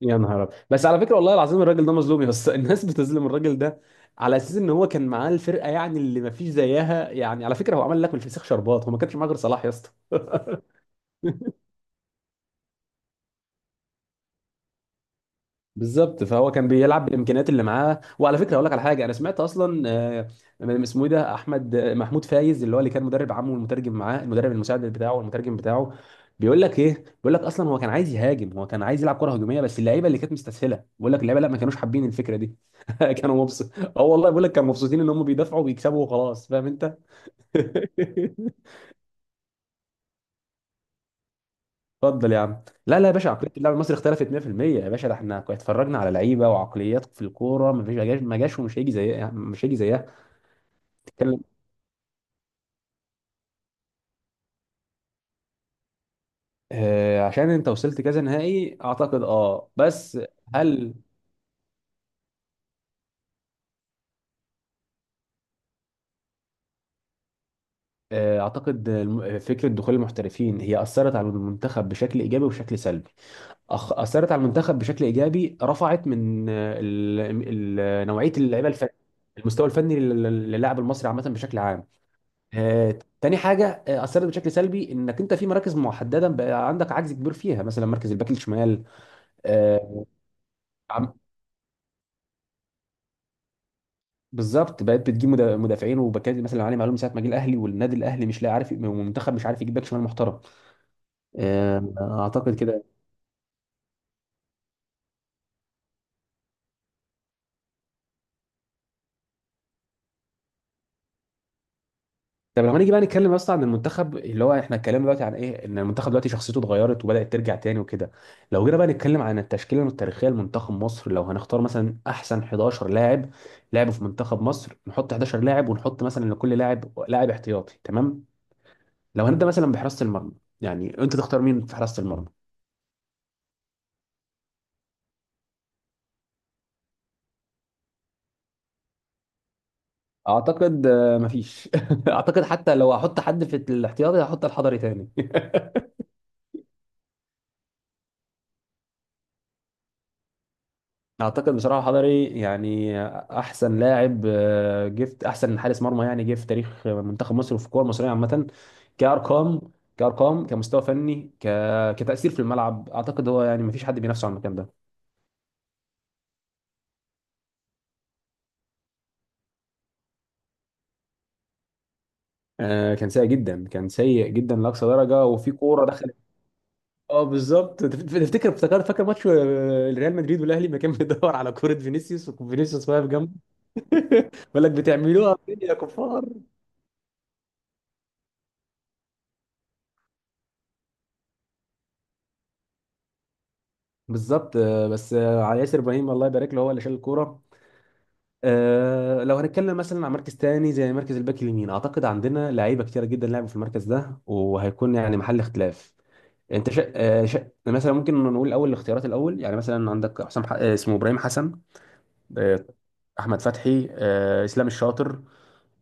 يا نهار أبيض. بس على فكره، والله العظيم الراجل ده مظلوم يا اسطى. الناس بتظلم الراجل ده على اساس ان هو كان معاه الفرقه، يعني اللي ما فيش زيها. يعني على فكره، هو عمل لك من الفسيخ شربات. هو ما كانش معاه غير صلاح يا اسطى. بالظبط، فهو كان بيلعب بالامكانيات اللي معاه. وعلى فكره اقول لك على حاجه، انا سمعت اصلا من- اسمه ايه ده، احمد محمود فايز اللي هو اللي كان مدرب عمه، والمترجم معاه، المدرب المساعد بتاعه والمترجم بتاعه. بيقول لك ايه، بيقول لك اصلا هو كان عايز يهاجم، هو كان عايز يلعب كره هجوميه، بس اللعيبه اللي كانت مستسهله بيقول لك اللعيبه لا، ما كانوش حابين الفكره دي. كانوا مبسوط. اه، والله بيقول لك كانوا مبسوطين ان هم بيدافعوا وبيكسبوا وخلاص، فاهم انت؟ اتفضل يا عم. لا لا يا باشا، عقليه اللاعب المصري اختلفت 100% يا باشا. ده احنا كنا اتفرجنا على لعيبه وعقليات في الكوره ما فيش، ما جاش ما جاش ومش هيجي زيها، مش هيجي زيها. تتكلم. آه، عشان انت وصلت كذا نهائي اعتقد، اه بس. هل؟ آه اعتقد فكره دخول المحترفين هي اثرت على المنتخب بشكل ايجابي وبشكل سلبي. أخ، اثرت على المنتخب بشكل ايجابي، رفعت من نوعيه اللعيبه الفنيه. المستوى الفني للاعب المصري عامه، بشكل عام. تاني حاجة، أثرت بشكل سلبي إنك أنت في مراكز محددة بقى عندك عجز كبير فيها، مثلا مركز الباك الشمال. آه، عم- بالظبط، بقيت بتجيب مدافعين وباكات، مثلا علي معلوم من ساعة ما جه الأهلي، والنادي الأهلي مش لاقي، عارف، والمنتخب مش عارف يجيب باك شمال محترم. آه، أعتقد كده. طب لو هنيجي بقى نتكلم اصلا عن المنتخب، اللي هو احنا اتكلمنا دلوقتي عن ايه، ان المنتخب دلوقتي شخصيته اتغيرت وبدأت ترجع تاني وكده. لو جينا بقى نتكلم عن التشكيله التاريخيه لمنتخب مصر، لو هنختار مثلا احسن 11 لاعب لعبوا في منتخب مصر، نحط 11 لاعب ونحط مثلا لكل لاعب لاعب احتياطي، تمام؟ لو هنبدأ مثلا بحراسه المرمى، يعني انت تختار مين في حراسه المرمى؟ اعتقد مفيش. اعتقد حتى لو هحط حد في الاحتياطي هحط الحضري تاني. اعتقد بصراحه حضري يعني احسن لاعب، احسن حارس مرمى يعني جه في تاريخ منتخب مصر، وفي الكوره المصريه عامه. كارقام، كارقام، كمستوى فني، كتاثير في الملعب، اعتقد هو يعني ما فيش حد بينافسه على المكان ده. آه، كان سيء جدا، كان سيء جدا لاقصى درجه، وفي كوره دخلت. اه بالظبط، تفتكر، افتكر، فاكر ماتش ريال مدريد والاهلي ما كان بيدور على كوره؟ فينيسيوس، وفينيسيوس واقف جنبه. بيقول لك بتعملوها فين يا كفار؟ بالظبط. آه بس، على ياسر ابراهيم الله يبارك له، هو اللي شال الكوره. أه لو هنتكلم مثلا عن مركز تاني زي مركز الباك اليمين، اعتقد عندنا لعيبه كتيره جدا لعبوا في المركز ده، وهيكون يعني محل اختلاف. انت شا... أه شا... مثلا ممكن نقول الاول، الاختيارات الاول، يعني مثلا عندك اسمه ابراهيم حسن، أه، احمد فتحي، أه، اسلام الشاطر،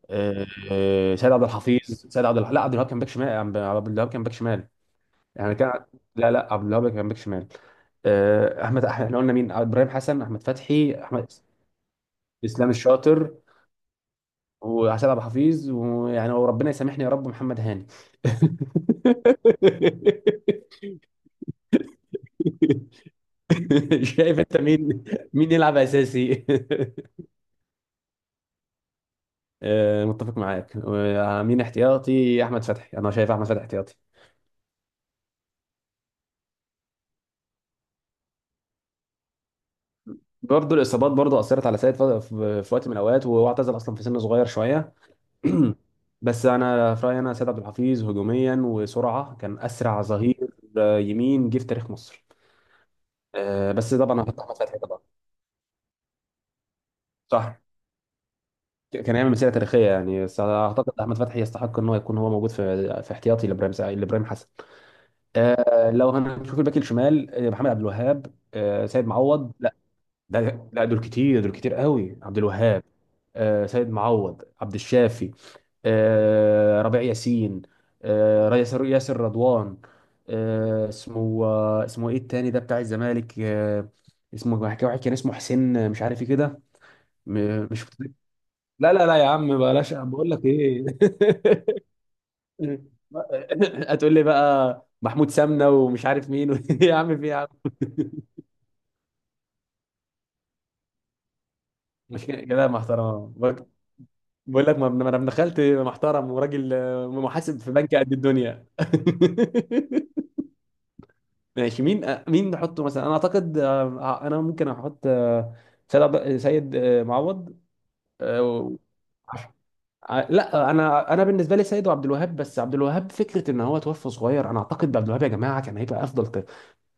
أه، سيد عبد الحفيظ. لا، عبد الوهاب كان باك شمال. عبد الوهاب كان باك شمال. يعني كان، لا لا، عبد الوهاب كان باك شمال. آه، احمد، احنا قلنا مين؟ ابراهيم حسن، احمد فتحي، احمد، اسلام الشاطر، وحسام ابو حفيظ، ويعني وربنا يسامحني يا رب، محمد هاني. شايف انت مين، مين يلعب اساسي؟ آه، متفق معاك. مين احتياطي؟ احمد فتحي، انا شايف احمد فتحي احتياطي. برضه الاصابات برضه اثرت على سيد في وقت من الاوقات، وهو اعتزل اصلا في سن صغير شويه. بس انا في رايي انا، سيد عبد الحفيظ هجوميا وسرعه كان اسرع ظهير يمين جه في تاريخ مصر. آه بس طبعا هحط احمد فتحي طبعا. صح، كان يعمل مسيره تاريخيه يعني، بس اعتقد احمد فتحي يستحق ان هو يكون هو موجود في في احتياطي لابراهيم حسن. آه، لو هنشوف الباك الشمال، محمد عبد الوهاب، آه سيد معوض، لا، ده لا، دول كتير، دول كتير قوي. عبد الوهاب، آه سيد معوض، عبد الشافي، آه ربيع ياسين، آه ياسر، ياسر رضوان، آه اسمه، آه اسمه ايه التاني ده بتاع الزمالك؟ آه، اسمه واحد كان، اسمه حسين مش عارف ايه كده. م- مش لا لا لا يا عم، بلاش، بقول لك ايه. هتقول لي بقى محمود سمنه ومش عارف مين و... يا عم في إيه يا عم؟ مش كده كده محترم بقول؟ بقول لك، ما انا دخلت محترم وراجل، محاسب في بنك قد الدنيا. ماشي، مين مين نحطه مثلا؟ انا اعتقد، انا ممكن احط سيد معوض. آه، و- لا انا، انا بالنسبه لي سيد عبد الوهاب. بس عبد الوهاب فكره ان هو توفى صغير، انا اعتقد عبد الوهاب يا جماعه كان هيبقى افضل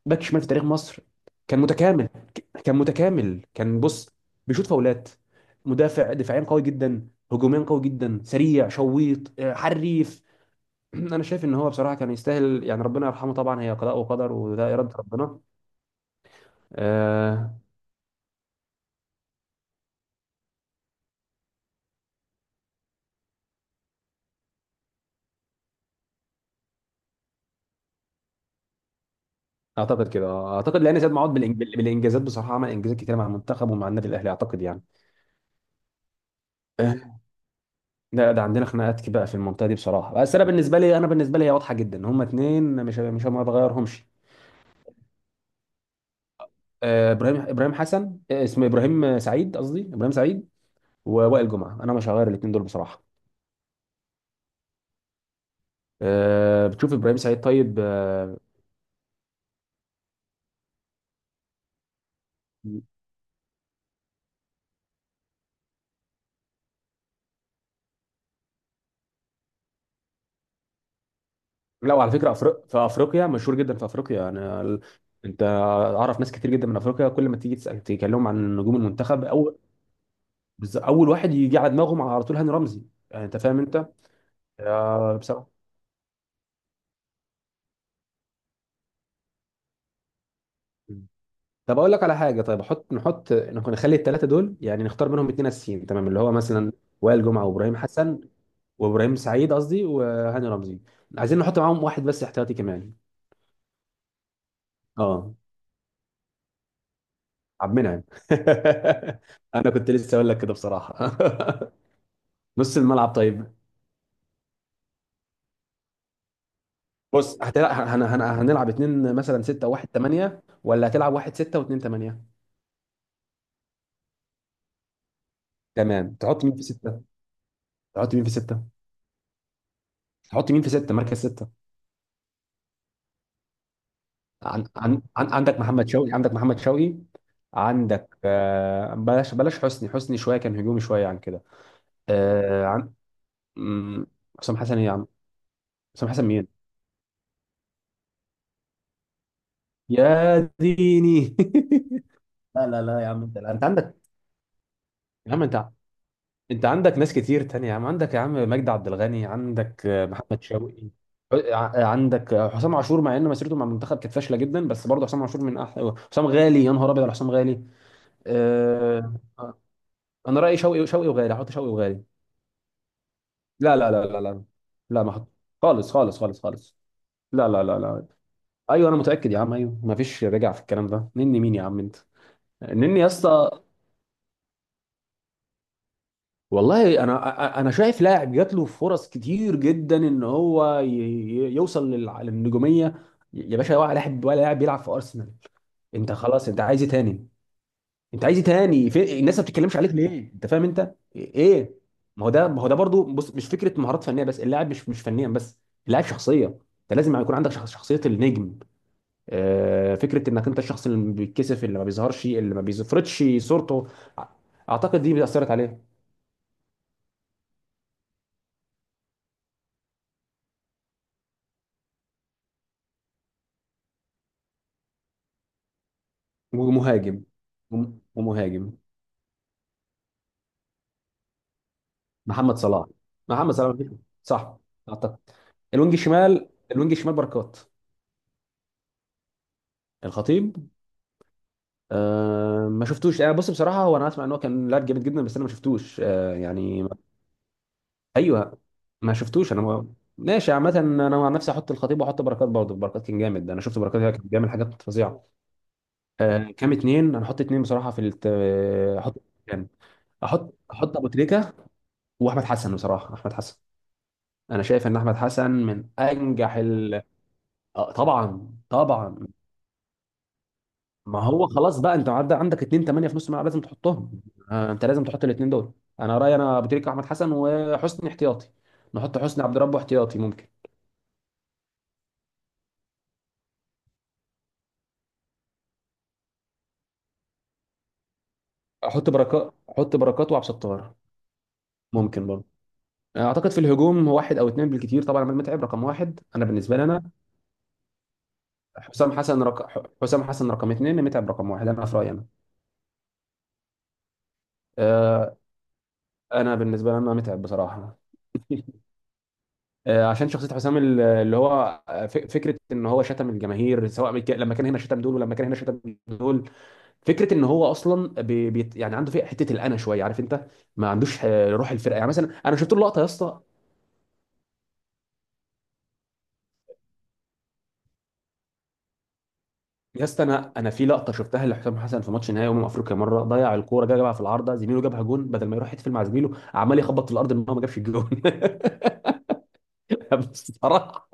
باك شمال في تاريخ مصر. كان متكامل، كان متكامل، كان بص، بيشوط فاولات، مدافع دفاعيا قوي جدا، هجوميا قوي جدا، سريع، شويط، حريف. انا شايف ان هو بصراحه كان يستاهل يعني، ربنا يرحمه طبعا، هي قضاء وقدر وده اراده ربنا. آه، اعتقد كده، اعتقد لان زياد معوض بالانجازات بصراحه عمل انجازات كتير مع المنتخب ومع النادي الاهلي، اعتقد يعني. لا، ده عندنا خناقات بقى في المنطقه دي بصراحه. بس انا بالنسبه لي، انا بالنسبه لي هي واضحه جدا. هما اتنين مش مش، ما بغيرهمش. ابراهيم حسن، آه، اسمه ابراهيم سعيد قصدي ابراهيم سعيد، ووائل جمعه. انا مش هغير الاتنين دول بصراحه. آه، بتشوف ابراهيم سعيد طيب، آه. لا، وعلى فكره، أفريق، في افريقيا مشهور جدا، في افريقيا انا انت اعرف ناس كتير جدا من افريقيا، كل ما تيجي تكلمهم عن نجوم المنتخب، اول اول واحد يجي على دماغهم على طول هاني رمزي. يعني انت فاهم انت. آه، بصراحه. طب اقول لك على حاجه، طيب احط، نحط، نكون نخلي الثلاثه دول يعني نختار منهم اتنين اساسيين تمام، اللي هو مثلا وائل جمعه وابراهيم حسن، وابراهيم سعيد قصدي وهاني رمزي. عايزين نحط معاهم واحد بس احتياطي كمان. اه، عبد المنعم. انا كنت لسه اقول لك كده بصراحه. نص الملعب طيب. بص هتلعب، هنلعب اتنين مثلا، ستة وواحد تمانية، ولا هتلعب واحد ستة واتنين تمانية؟ تمام. تحط مين في ستة؟ تحط مين في ستة؟ مركز ستة. عن عن عن عندك محمد شوقي، عندك محمد شوقي، عندك بلاش بلاش حسني، حسني شويه كان هجومي شويه عن كده. آه، عن مم، حسام حسن ايه يا عم؟ حسام حسن مين؟ يا ديني. لا لا لا يا عم، انت لا، انت عندك، يا عم انت، انت عندك ناس كتير تانية يا عم. عندك يا عم مجدي عبد الغني، عندك محمد شوقي، عندك حسام عاشور، مع ان مسيرته مع المنتخب كانت فاشله جدا، بس برضه حسام عاشور من احلى، حسام غالي، يا نهار ابيض على حسام غالي. آه، انا رايي شوقي، شوقي وغالي، احط شوقي وغالي. لا لا لا لا لا لا، ما احط خالص خالص خالص خالص، لا لا لا لا. ايوه انا متاكد يا عم، ايوه، ما فيش رجع في الكلام ده. نني مين يا عم انت؟ نني يا اسطى؟ والله انا، انا شايف لاعب جات له فرص كتير جدا ان هو يوصل للنجوميه، يا باشا. ولا لاعب، ولا لاعب بيلعب في ارسنال. انت خلاص، انت عايز إيه تاني؟ انت عايز ايه تاني في الناس ما بتتكلمش عليك ليه؟ انت فاهم انت ايه؟ ما هو ده، ما هو ده برضو، بص مش فكره مهارات فنيه بس، اللاعب مش مش فنيا بس، اللاعب شخصيه. انت لازم يكون عندك شخصيه النجم. آه، فكره انك انت الشخص اللي بيتكسف، اللي ما بيظهرش، اللي ما بيفرضش صورته. أع- اعتقد دي اثرت عليه. ومهاجم، ومهاجم. محمد صلاح، محمد صلاح. صح، اعتقد الوينج الشمال، الوينج الشمال بركات. الخطيب. أه ما شفتوش، أه بص بصراحه، هو انا اسمع ان هو كان لاعب جامد جدا، بس انا ما شفتوش أه، يعني ما-. ايوه، ما شفتوش. انا ما... ماشي عامه، انا عن نفسي احط الخطيب واحط بركات برضه، بركات كان جامد. انا شفت بركات كان بيعمل حاجات فظيعه. أه كام. اتنين انا احط، اتنين بصراحه في احط كام، احط، احط ابو تريكه واحمد حسن بصراحه. احمد حسن، انا شايف ان احمد حسن من انجح ال... آه، طبعا طبعا. ما هو خلاص بقى، انت عدى عندك 2 8 في نص الملعب، لازم تحطهم. آه، انت لازم تحط الاثنين دول. انا رايي انا، بتريكة، احمد حسن، وحسني احتياطي. نحط حسني عبد ربه احتياطي ممكن. احط بركات، احط بركات وعبد ستار. ممكن برضه. آه، اعتقد في الهجوم هو واحد او اثنين بالكثير. طبعا عماد متعب رقم واحد انا بالنسبه لي انا. حسام حسن رق... حسام حسن رقم اثنين، متعب رقم واحد انا في رايي انا. آه، انا بالنسبه لي انا، متعب بصراحه. آه، عشان شخصية حسام، اللي هو فكرة ان هو شتم الجماهير، سواء لما كان هنا شتم دول، ولما كان هنا شتم دول. فكرة ان هو اصلا بي، بي يعني، عنده فيه حتة الانا شوية، عارف انت. ما عندوش روح الفرقة، يعني مثلا انا شفت له لقطة يا اسطى. يا اسطى انا، انا في لقطة شفتها لحسام حسن في ماتش نهائي افريقيا مرة، ضيع الكورة جا جابها في العارضة زميله، جابها جون، بدل ما يروح يحتفل مع زميله عمال يخبط في الارض ان هو ما جابش الجون. بصراحة،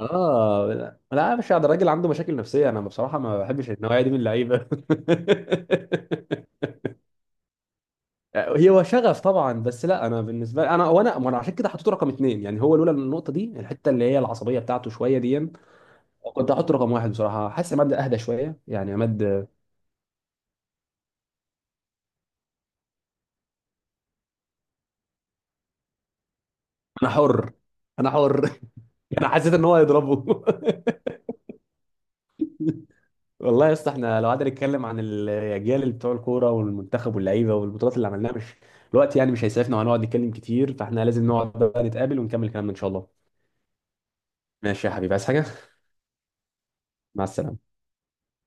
اه لا لا، مش قاعد، الراجل عنده مشاكل نفسيه، انا بصراحه ما بحبش النوعيه دي من اللعيبه. هي هو شغف طبعا، بس لا انا بالنسبه لي انا، وانا عشان كده حطيته رقم اتنين. يعني هو لولا النقطه دي، الحته اللي هي العصبيه بتاعته شويه دي، كنت هحطه رقم واحد بصراحه. حاسس عماد اهدى شويه يعني، عماد. انا حر، انا حر. انا حسيت ان هو هيضربه. والله يا اسطى احنا لو قعدنا نتكلم عن الاجيال اللي بتوع الكوره والمنتخب واللعيبه والبطولات اللي عملناها، مش الوقت يعني، مش هيسعفنا وهنقعد نتكلم كتير. فاحنا لازم نقعد بقى نتقابل ونكمل كلامنا ان شاء الله. ماشي يا حبيبي، عايز حاجه؟ مع السلامه.